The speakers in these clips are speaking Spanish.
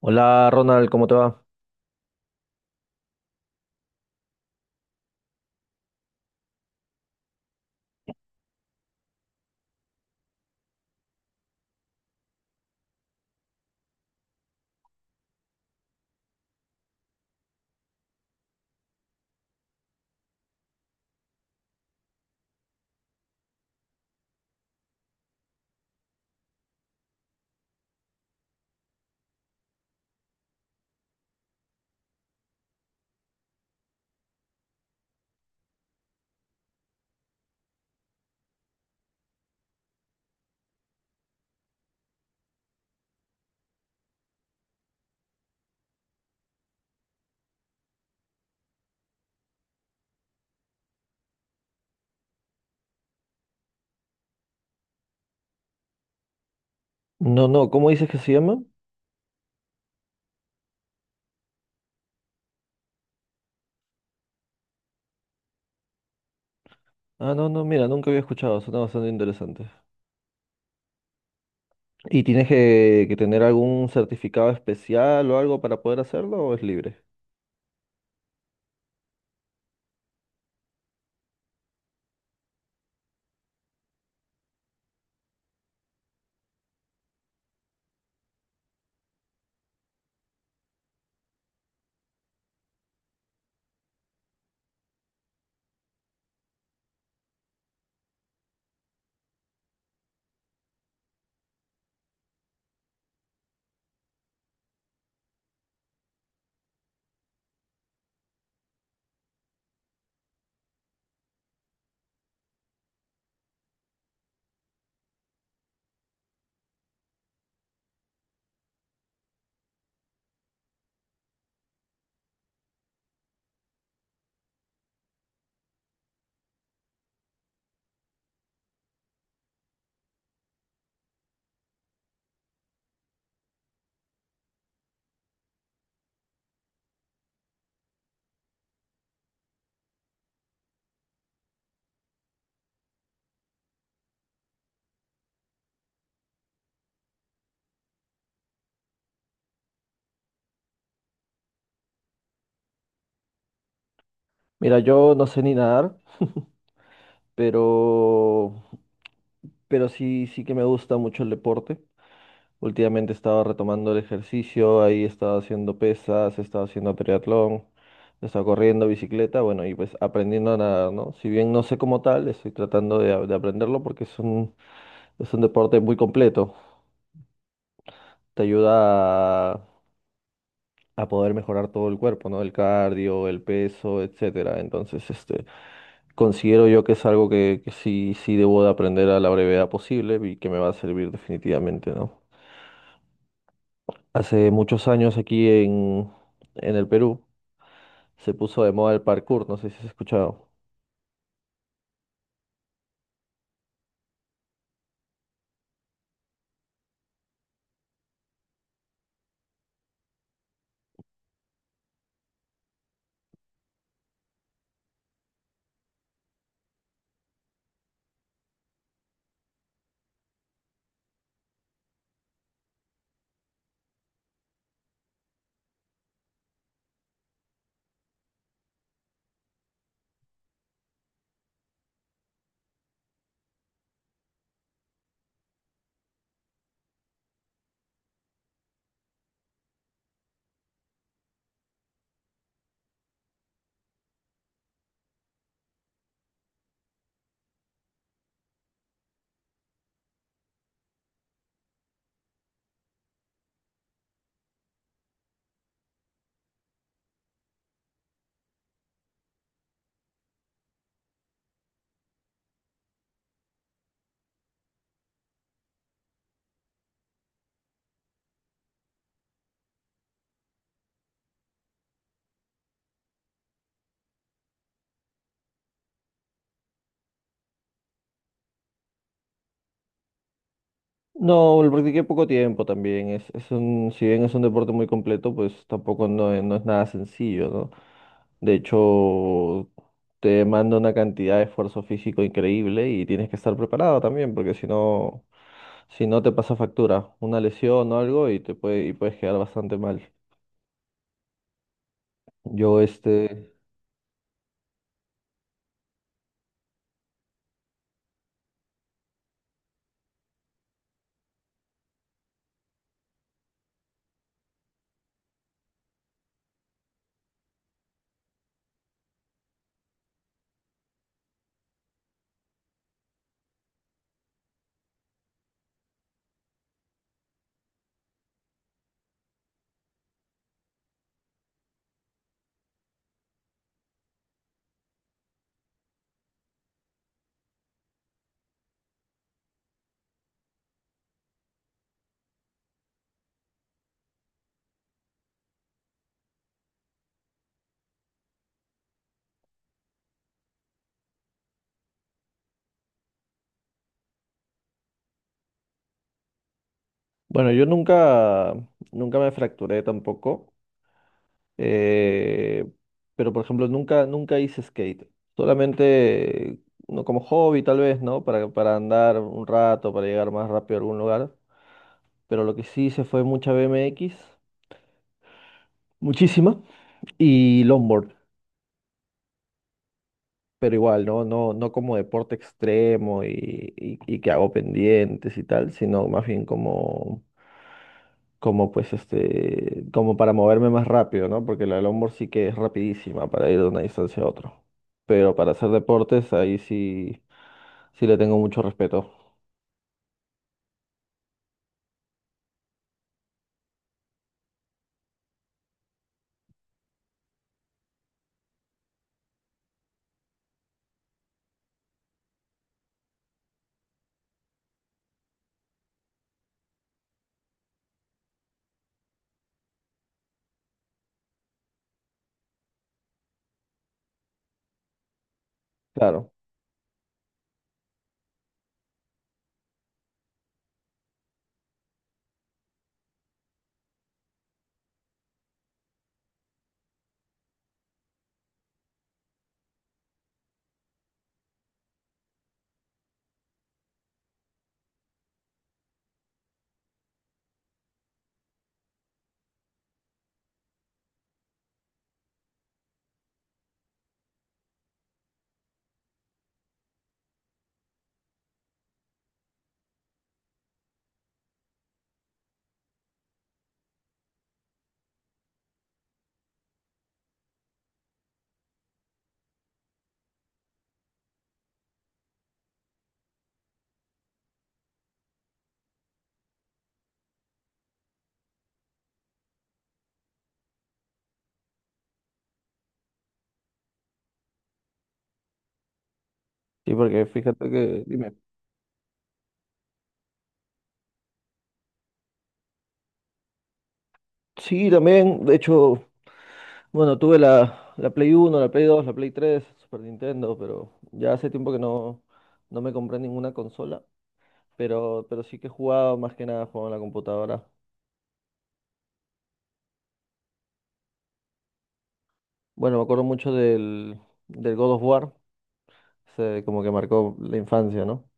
Hola Ronald, ¿cómo te va? No, no, ¿cómo dices que se llama? Ah, no, no, mira, nunca había escuchado. Suena bastante interesante. ¿Y tienes que tener algún certificado especial o algo para poder hacerlo o es libre? Mira, yo no sé ni nadar, pero, pero sí, sí que me gusta mucho el deporte. Últimamente he estado retomando el ejercicio, ahí he estado haciendo pesas, he estado haciendo triatlón, he estado corriendo, bicicleta, bueno, y pues aprendiendo a nadar, ¿no? Si bien no sé cómo tal, estoy tratando de aprenderlo porque es un deporte muy completo. Te ayuda a, a poder mejorar todo el cuerpo, ¿no? El cardio, el peso, etcétera. Entonces, este, considero yo que es algo que sí, sí debo de aprender a la brevedad posible y que me va a servir definitivamente, ¿no? Hace muchos años en el Perú se puso de moda el parkour, no sé si has escuchado. No, lo practiqué poco tiempo también. Es un, si bien es un deporte muy completo, pues tampoco no, no es nada sencillo, ¿no? De hecho, te demanda una cantidad de esfuerzo físico increíble y tienes que estar preparado también, porque si no te pasa factura, una lesión o algo y y puedes quedar bastante mal. Yo este, bueno, yo nunca, nunca me fracturé tampoco. Eh, pero, por ejemplo, nunca hice skate. Solamente no como hobby, tal vez, ¿no? Para andar un rato, para llegar más rápido a algún lugar. Pero lo que sí hice fue mucha BMX, muchísima, y longboard. Pero igual, ¿no? No, no como deporte extremo y que hago pendientes y tal, sino más bien como como para moverme más rápido, ¿no? Porque la longboard sí que es rapidísima para ir de una distancia a otra. Pero para hacer deportes, ahí sí, sí le tengo mucho respeto. Claro. Sí, porque fíjate que, dime. Sí, también, de hecho, bueno, tuve la Play 1, la Play 2, la Play 3, Super Nintendo, pero ya hace tiempo que no me compré ninguna consola. Pero sí que he jugado, más que nada jugaba en la computadora. Bueno, me acuerdo mucho del, del God of War. Se como que marcó la infancia, ¿no?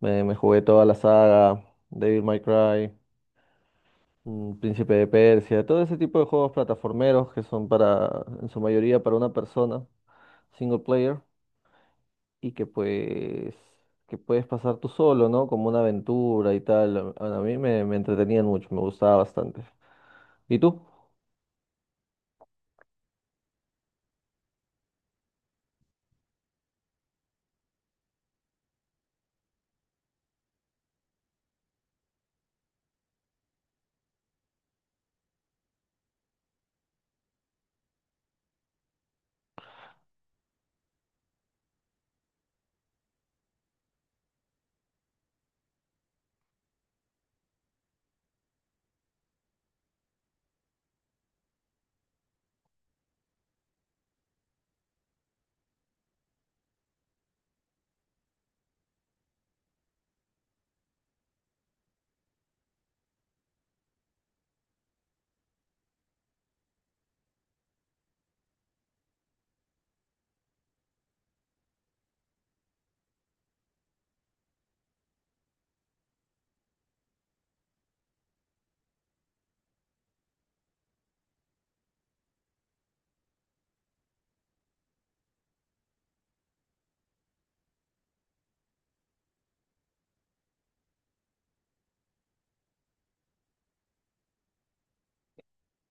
Me jugué toda la saga, Devil May Cry, Príncipe de Persia, todo ese tipo de juegos plataformeros que son para, en su mayoría, para una persona, single player, y que puedes pasar tú solo, ¿no? Como una aventura y tal. Bueno, a mí me entretenían mucho, me gustaba bastante. ¿Y tú?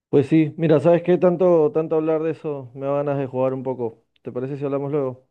Pues sí, mira, ¿sabes qué? Tanto, tanto hablar de eso, me da ganas de jugar un poco. ¿Te parece si hablamos luego?